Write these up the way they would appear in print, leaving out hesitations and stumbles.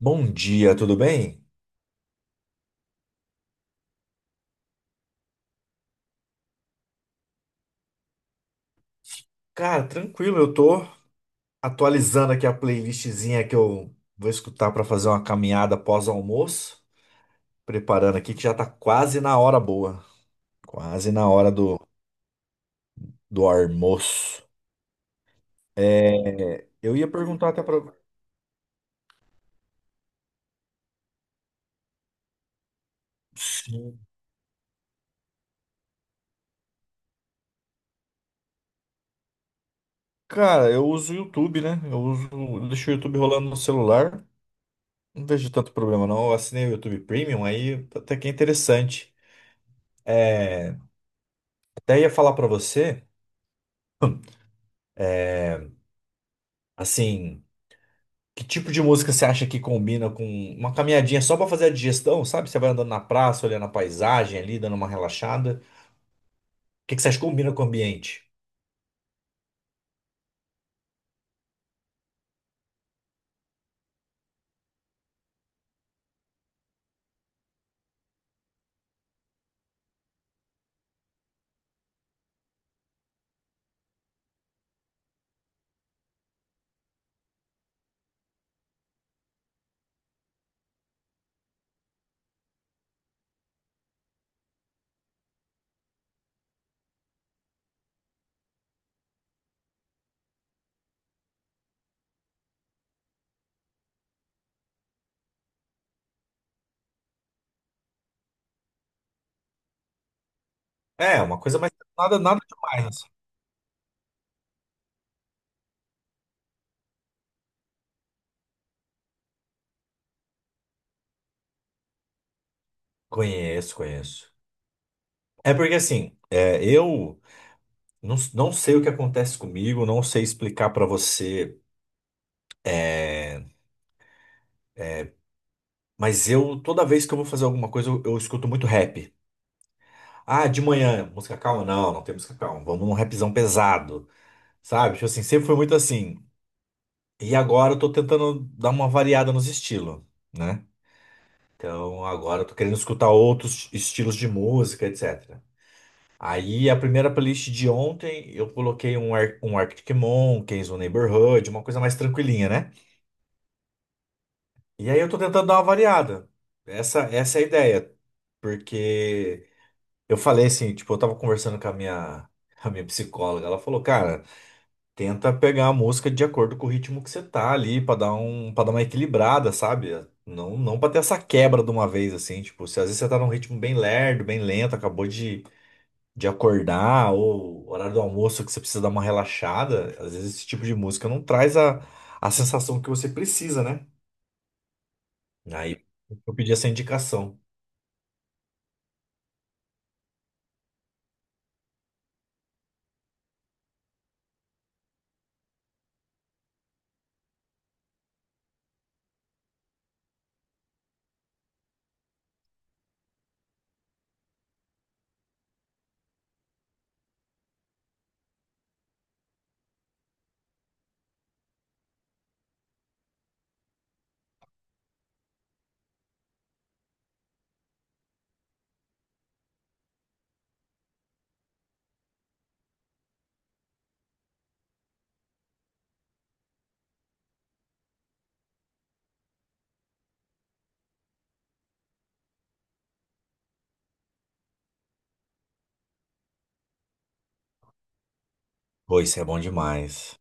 Bom dia, tudo bem? Cara, tranquilo, eu tô atualizando aqui a playlistzinha que eu vou escutar pra fazer uma caminhada pós-almoço, preparando aqui que já tá quase na hora boa, quase na hora do almoço. É, eu ia perguntar até pra. Sim. Cara, eu uso o YouTube, né? Eu uso, eu deixo o YouTube rolando no celular. Não vejo tanto problema, não. Eu assinei o YouTube Premium, aí até que é interessante. É, até ia falar pra você, assim. Que tipo de música você acha que combina com uma caminhadinha só pra fazer a digestão, sabe? Você vai andando na praça, olhando a paisagem ali, dando uma relaxada. O que que você acha que combina com o ambiente? É, uma coisa mais nada, nada demais. Assim. Conheço, conheço. É porque assim, é, eu não sei o que acontece comigo, não sei explicar pra você, é, mas eu toda vez que eu vou fazer alguma coisa, eu escuto muito rap. Ah, de manhã, música calma? Não, não tem música calma. Vamos num rapzão pesado, sabe? Tipo assim, sempre foi muito assim. E agora eu tô tentando dar uma variada nos estilos, né? Então agora eu tô querendo escutar outros estilos de música, etc. Aí a primeira playlist de ontem eu coloquei um, Ar um Arctic Monkeys, um Neighborhood, uma coisa mais tranquilinha, né? E aí eu tô tentando dar uma variada. Essa é a ideia. Porque eu falei assim, tipo, eu tava conversando com a minha psicóloga, ela falou, cara. Tenta pegar a música de acordo com o ritmo que você tá ali, pra dar um, para dar uma equilibrada, sabe? Não, não para ter essa quebra de uma vez assim, tipo, se às vezes você tá num ritmo bem lerdo, bem lento, acabou de acordar ou horário do almoço que você precisa dar uma relaxada, às vezes esse tipo de música não traz a sensação que você precisa, né? Aí eu pedi essa indicação. Pô, isso é bom demais.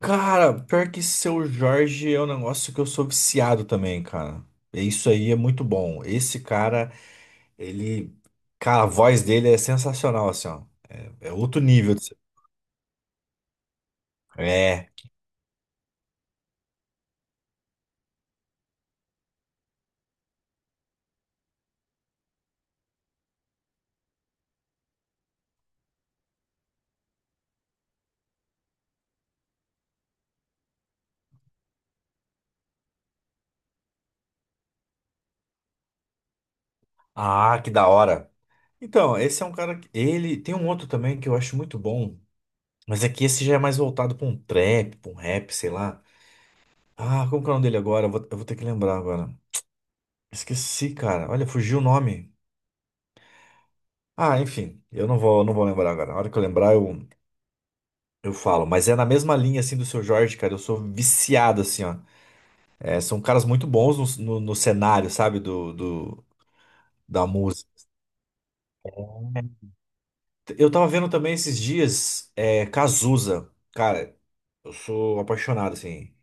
Cara, pior que Seu Jorge é um negócio que eu sou viciado também, cara. Isso aí é muito bom. Esse cara ele, cara, a voz dele é sensacional, assim, ó. É outro nível. É. Ah, que da hora. Então, esse é um cara que ele tem um outro também que eu acho muito bom, mas é que esse já é mais voltado pra um trap, pra um rap, sei lá. Ah, como que é o nome dele agora? Eu vou ter que lembrar agora. Esqueci, cara. Olha, fugiu o nome. Ah, enfim, eu não vou lembrar agora. Na hora que eu lembrar, eu falo. Mas é na mesma linha, assim, do Seu Jorge, cara. Eu sou viciado, assim, ó. É, são caras muito bons no cenário, sabe? Da música. Eu tava vendo também esses dias, é, Cazuza. Cara, eu sou apaixonado, assim.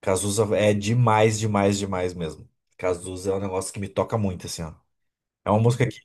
Cazuza é demais, demais, demais mesmo. Cazuza é um negócio que me toca muito, assim, ó. É uma música que.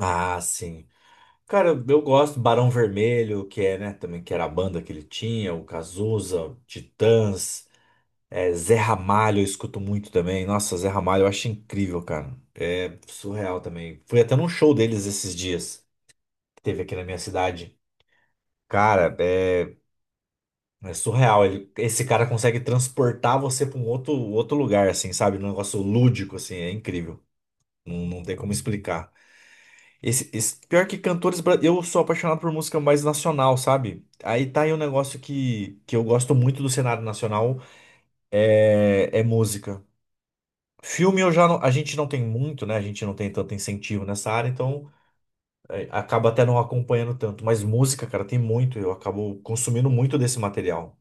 Ah, sim. Cara, eu gosto do Barão Vermelho, que é, né, também, que era a banda que ele tinha, o Cazuza, Titãs, é, Zé Ramalho, eu escuto muito também. Nossa, Zé Ramalho eu acho incrível, cara. É surreal também. Fui até num show deles esses dias, que teve aqui na minha cidade. Cara, é, é surreal. Ele, esse cara consegue transportar você pra um outro, outro lugar, assim, sabe? Um negócio lúdico, assim, é incrível. Não, não tem como explicar. Pior que cantores. Eu sou apaixonado por música mais nacional, sabe? Aí tá aí um negócio que eu gosto muito do cenário nacional: é, é música. Filme eu já não- A gente não tem muito, né? A gente não tem tanto incentivo nessa área, então acaba até não acompanhando tanto. Mas música, cara, tem muito. Eu acabo consumindo muito desse material.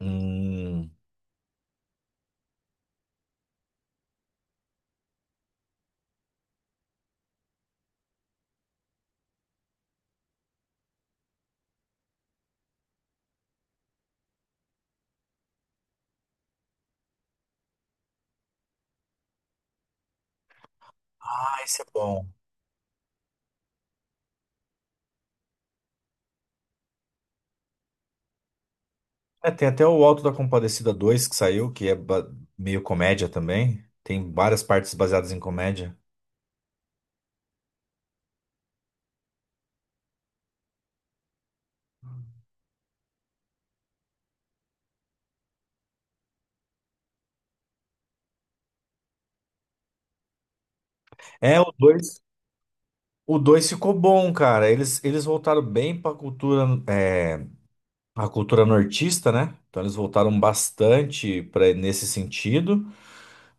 Hum. Ah, esse é bom. É, tem até o Alto da Compadecida 2 que saiu, que é meio comédia também. Tem várias partes baseadas em comédia. É, o 2, O 2 ficou bom, cara. Eles voltaram bem pra cultura, é, a cultura nortista, né? Então eles voltaram bastante para nesse sentido.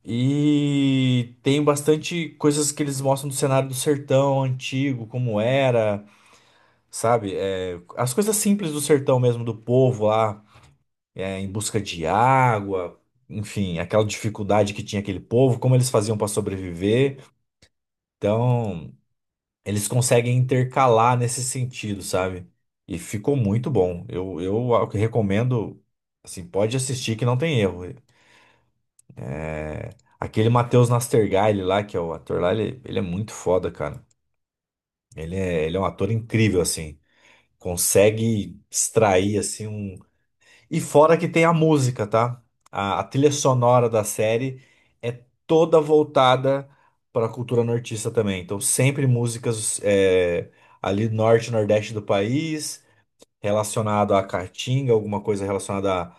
E tem bastante coisas que eles mostram do cenário do sertão antigo, como era, sabe? É, as coisas simples do sertão mesmo, do povo lá. É, em busca de água, enfim, aquela dificuldade que tinha aquele povo, como eles faziam para sobreviver. Então, eles conseguem intercalar nesse sentido, sabe? E ficou muito bom. Eu recomendo, assim, pode assistir que não tem erro. Aquele Matheus Nastergaile lá, que é o ator lá, ele é muito foda, cara. Ele é um ator incrível, assim. Consegue extrair, assim, um e fora que tem a música, tá? A trilha sonora da série é toda voltada para a cultura nortista também. Então, sempre músicas é, ali do norte, e nordeste do país, relacionado à caatinga, alguma coisa relacionada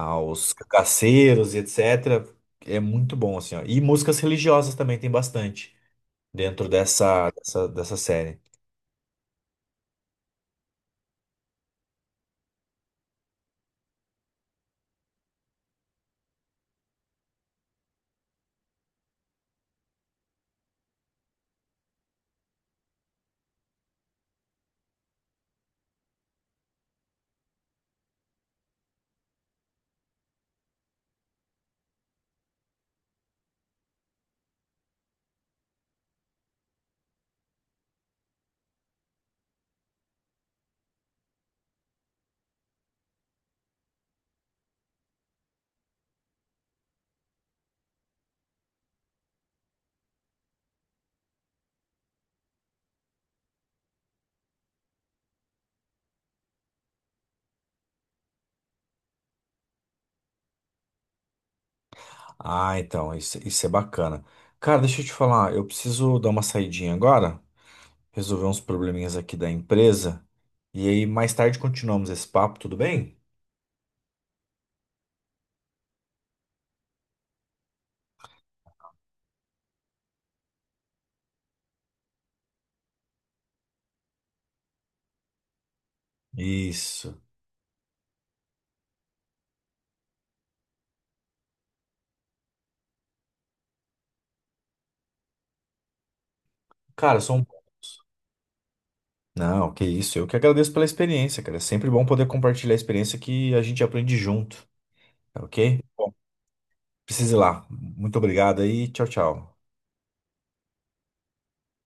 aos cacaceiros e etc. É muito bom, assim, ó. E músicas religiosas também tem bastante dentro dessa série. Ah, então, isso é bacana. Cara, deixa eu te falar, eu preciso dar uma saidinha agora. Resolver uns probleminhas aqui da empresa. E aí, mais tarde continuamos esse papo, tudo bem? Isso. Cara, são poucos. Não, que isso. Eu que agradeço pela experiência, cara. É sempre bom poder compartilhar a experiência que a gente aprende junto, tá ok? Bom, precise ir lá. Muito obrigado aí. Tchau, tchau.